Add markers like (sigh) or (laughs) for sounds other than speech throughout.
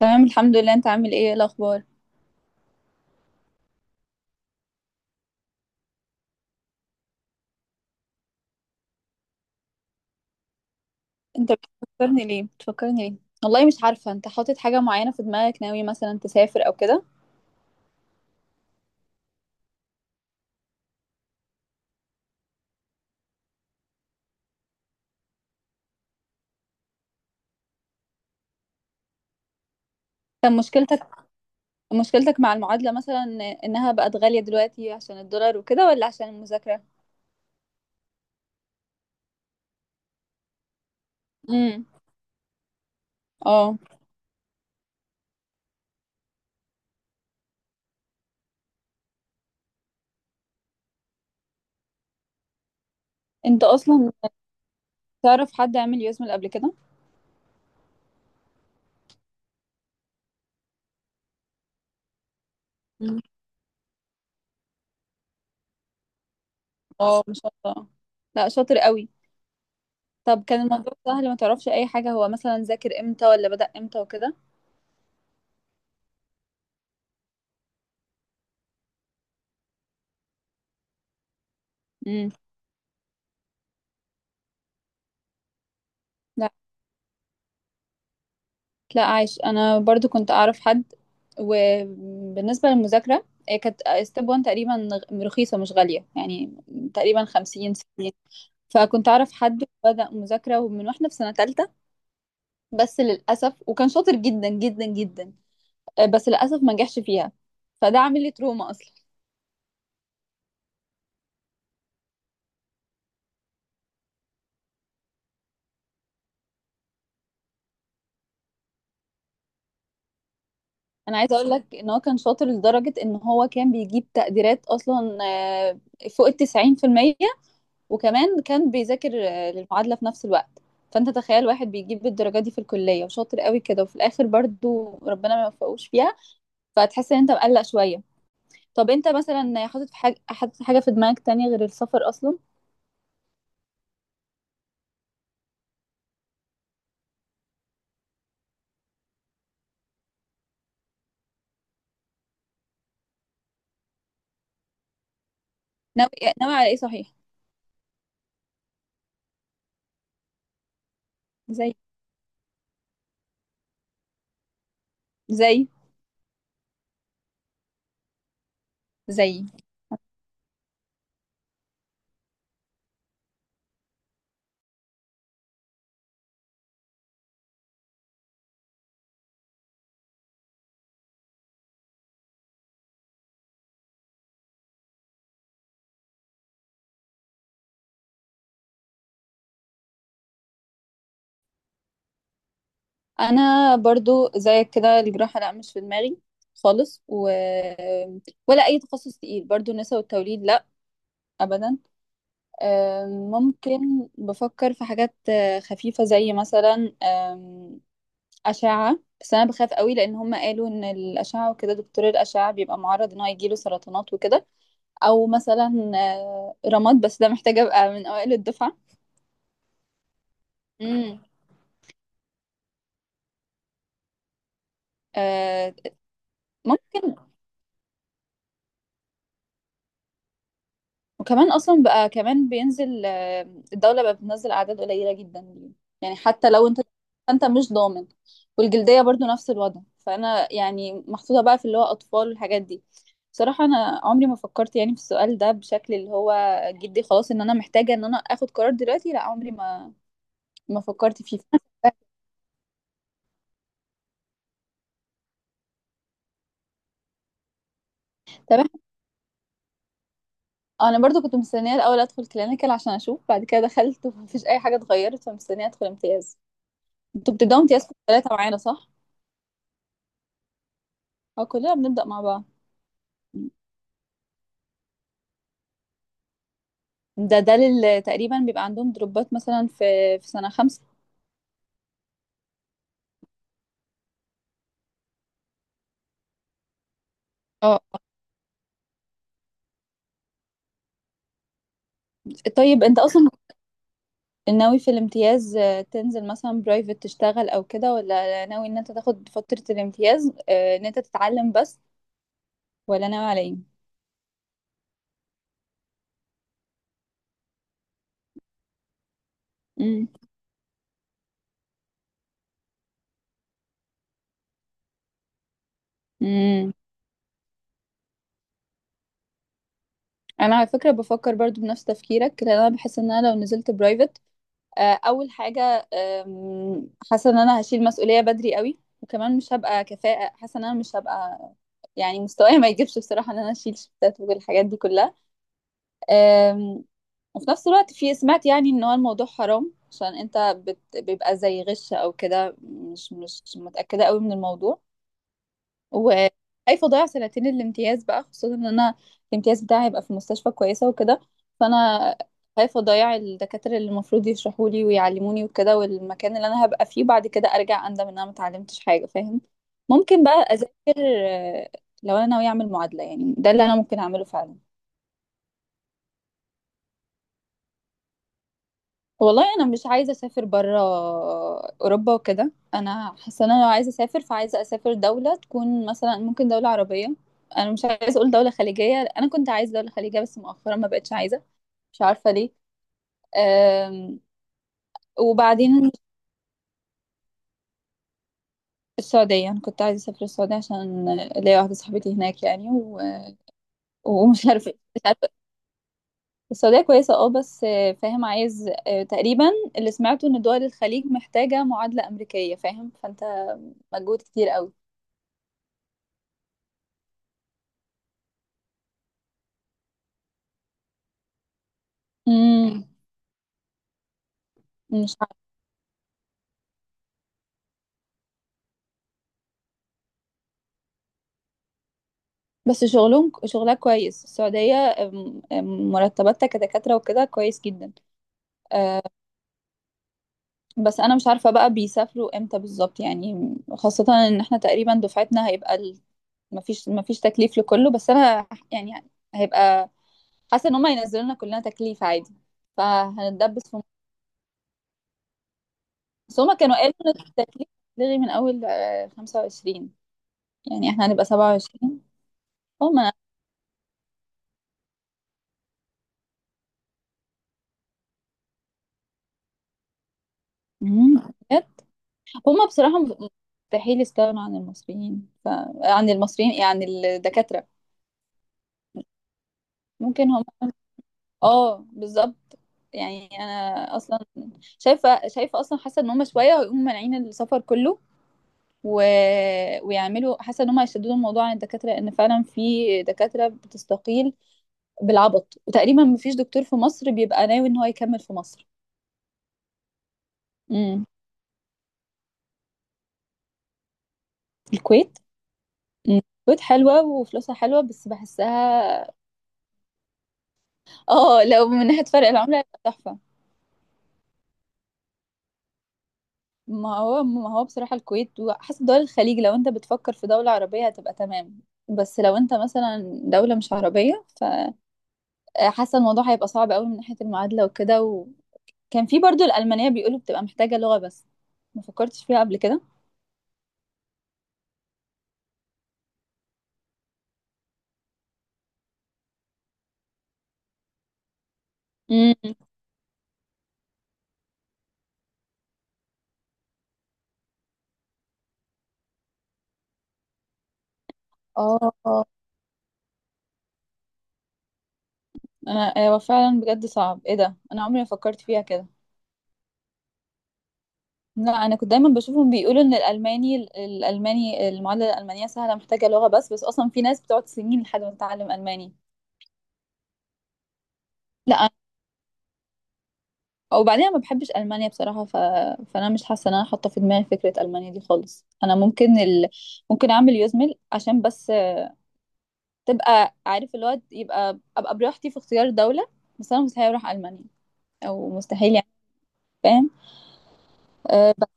تمام، الحمد لله. انت عامل ايه؟ ايه الاخبار؟ انت بتفكرني ليه؟ والله مش عارفه، انت حاطط حاجه معينه في دماغك؟ ناوي مثلا تسافر او كده؟ كان مشكلتك مع المعادله مثلا، انها بقت غاليه دلوقتي عشان الدولار وكده، ولا عشان المذاكره؟ امم. اه. انت اصلا تعرف حد عامل يوزمل قبل كده؟ مم. اه، ما شاء الله. لا، شاطر قوي. طب كان الموضوع سهل؟ ما تعرفش اي حاجه، هو مثلا ذاكر امتى ولا بدأ امتى وكده؟ امم. لا، عايش. انا برضو كنت اعرف حد. وبالنسبه للمذاكره، هي كانت ستيب 1 تقريبا رخيصه، مش غاليه يعني. تقريبا 50، 60. فكنت اعرف حد بدأ مذاكره من واحنا في سنه ثالثه، بس للاسف. وكان شاطر جدا جدا جدا، بس للاسف ما نجحش فيها. فده عامل لي تروما اصلا. انا عايزه اقول لك ان هو كان شاطر لدرجه ان هو كان بيجيب تقديرات اصلا فوق ال 90%. وكمان كان بيذاكر للمعادلة في نفس الوقت. فانت تخيل واحد بيجيب الدرجة دي في الكلية وشاطر قوي كده، وفي الاخر برضو ربنا ما يوفقوش فيها. فتحس ان انت مقلق شوية. طب انت مثلا حاطط حاجة في دماغك تانية غير السفر اصلا؟ ناوي ناوي على ايه صحيح؟ زي زي زي. انا برضو زيك كده. الجراحة لا، مش في دماغي خالص ولا اي تخصص تقيل. برضو النساء والتوليد لا، ابدا. ممكن بفكر في حاجات خفيفة زي مثلا أشعة. بس أنا بخاف قوي لأن هم قالوا إن الأشعة وكده، دكتور الأشعة بيبقى معرض إن هو يجيله سرطانات وكده. أو مثلا رماد، بس ده محتاج أبقى من أوائل الدفعة. مم. آه. ممكن، وكمان اصلا بقى كمان بينزل الدوله بقى بتنزل اعداد قليله جدا ليه. يعني حتى لو انت مش ضامن. والجلديه برضو نفس الوضع، فانا يعني محطوطه بقى في اللي هو اطفال والحاجات دي. بصراحه انا عمري ما فكرت يعني في السؤال ده بشكل اللي هو جدي، خلاص ان انا محتاجه ان انا اخد قرار دلوقتي. لا، عمري ما فكرت فيه (laughs) طب إحنا- انا برضو كنت مستنيه الاول ادخل كلينيكال عشان اشوف بعد كده. دخلت ومفيش اي حاجه اتغيرت، فمستنيه ادخل امتياز. انتوا بتبداوا امتياز في ثلاثه معانا صح؟ اه، كلنا بنبدا مع بعض. ده ده تقريبا بيبقى عندهم دروبات مثلا في سنة خمسة. اه. طيب انت اصلا ناوي في الامتياز تنزل مثلا برايفت تشتغل او كده، ولا ناوي ان انت تاخد فترة الامتياز ان انت تتعلم بس، ولا ناوي على ايه؟ امم. امم. انا على فكرة بفكر برضو بنفس تفكيرك، لان انا بحس ان انا لو نزلت برايفت، اول حاجه حاسه ان انا هشيل مسؤوليه بدري قوي، وكمان مش هبقى كفاءه، حاسه ان انا مش هبقى يعني، مستواي ما يجيبش بصراحه ان انا اشيل شفتات والحاجات دي كلها. آم، وفي نفس الوقت في، سمعت يعني ان هو الموضوع حرام عشان انت بيبقى زي غش او كده، مش متاكده قوي من الموضوع. وخايفه اضيع سنتين الامتياز بقى، خصوصا ان انا الامتياز بتاعي هيبقى في مستشفى كويسه وكده. فانا خايفه اضيع الدكاتره اللي المفروض يشرحوا لي ويعلموني وكده، والمكان اللي انا هبقى فيه، بعد كده ارجع اندم ان انا ما اتعلمتش حاجه، فاهم؟ ممكن بقى اذاكر، آه، لو انا ناويه اعمل معادله يعني، ده اللي انا ممكن اعمله فعلا. والله انا مش عايزه اسافر بره. اوروبا وكده انا حاسه ان انا لو عايزه اسافر فعايزه اسافر دوله تكون مثلا ممكن دوله عربيه. انا مش عايزه اقول دوله خليجيه، انا كنت عايزه دوله خليجيه بس مؤخرا ما بقتش عايزه. مش عارفه ليه. أم، وبعدين، السعوديه، انا كنت عايزه اسافر السعوديه عشان ليا واحده صاحبتي هناك يعني ومش عارفه مش عارفه السعوديه كويسه اه، بس فاهم، عايز تقريبا، اللي سمعته ان دول الخليج محتاجه معادله امريكيه، فاهم؟ فانت مجهود كتير قوي. مم. مش عارف. بس شغلهم شغلها كويس، السعودية أم- أم، مرتباتها كدكاترة وكده كويس جدا. أه، بس أنا مش عارفة بقى بيسافروا امتى بالظبط يعني، خاصة إن احنا تقريبا دفعتنا هيبقى مفيش تكليف لكله، بس أنا يعني هيبقى، حاسة إن هما ينزلوا لنا كلنا تكليف عادي، فهنتدبس في. بس هما كانوا قالوا إن التكليف هيتلغي من أول 25، يعني احنا هنبقى 27. هما هما بصراحة، مستحيل يستغنوا عن المصريين عن المصريين يعني، الدكاترة. ممكن هم، اه بالظبط. يعني انا اصلا شايفة اصلا، حاسة ان هم شوية هيقوموا مانعين السفر كله و... ويعملوا، حاسة ان هم هيشددوا الموضوع عن الدكاترة لان فعلا في دكاترة بتستقيل بالعبط، وتقريبا مفيش دكتور في مصر بيبقى ناوي ان هو يكمل في مصر. امم، الكويت. مم. الكويت حلوة وفلوسها حلوة، بس بحسها اه، لو من ناحية فرق العملة هيبقى تحفة. ما هو بصراحة، الكويت وحسب دول الخليج، لو انت بتفكر في دولة عربية هتبقى تمام. بس لو انت مثلا دولة مش عربية، فحاسة الموضوع هيبقى صعب قوي من ناحية المعادلة وكده. وكان في برضو الألمانية بيقولوا بتبقى محتاجة لغة بس، ما فكرتش فيها قبل كده. امم. اه، انا هو فعلا بجد صعب. ايه ده؟ انا عمري ما فكرت فيها كده. لا، انا كنت دايما بشوفهم بيقولوا ان الالماني الالماني المعادله الالمانيه سهله، محتاجه لغه بس اصلا في ناس بتقعد سنين لحد ما تتعلم الماني. لا، وبعدين أنا ما بحبش المانيا بصراحه فانا مش حاسه ان انا حاطه في دماغي فكره المانيا دي خالص. انا ممكن ممكن اعمل يوزمل عشان بس تبقى عارف الواد، يبقى ابقى براحتي في اختيار دوله، بس انا مستحيل اروح المانيا، او مستحيل يعني، فاهم؟ بس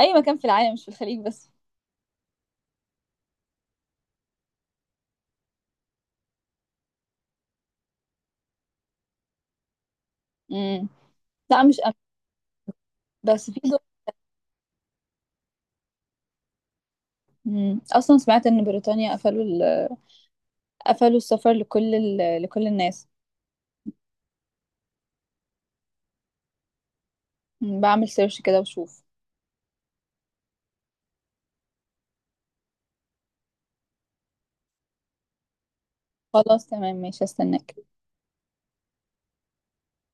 اي مكان في العالم، مش في الخليج بس. امم. لا مش بس في دول. اصلا سمعت ان بريطانيا قفلوا قفلوا السفر لكل لكل الناس. مم. بعمل سيرش كده وشوف. خلاص تمام، ماشي، استناك.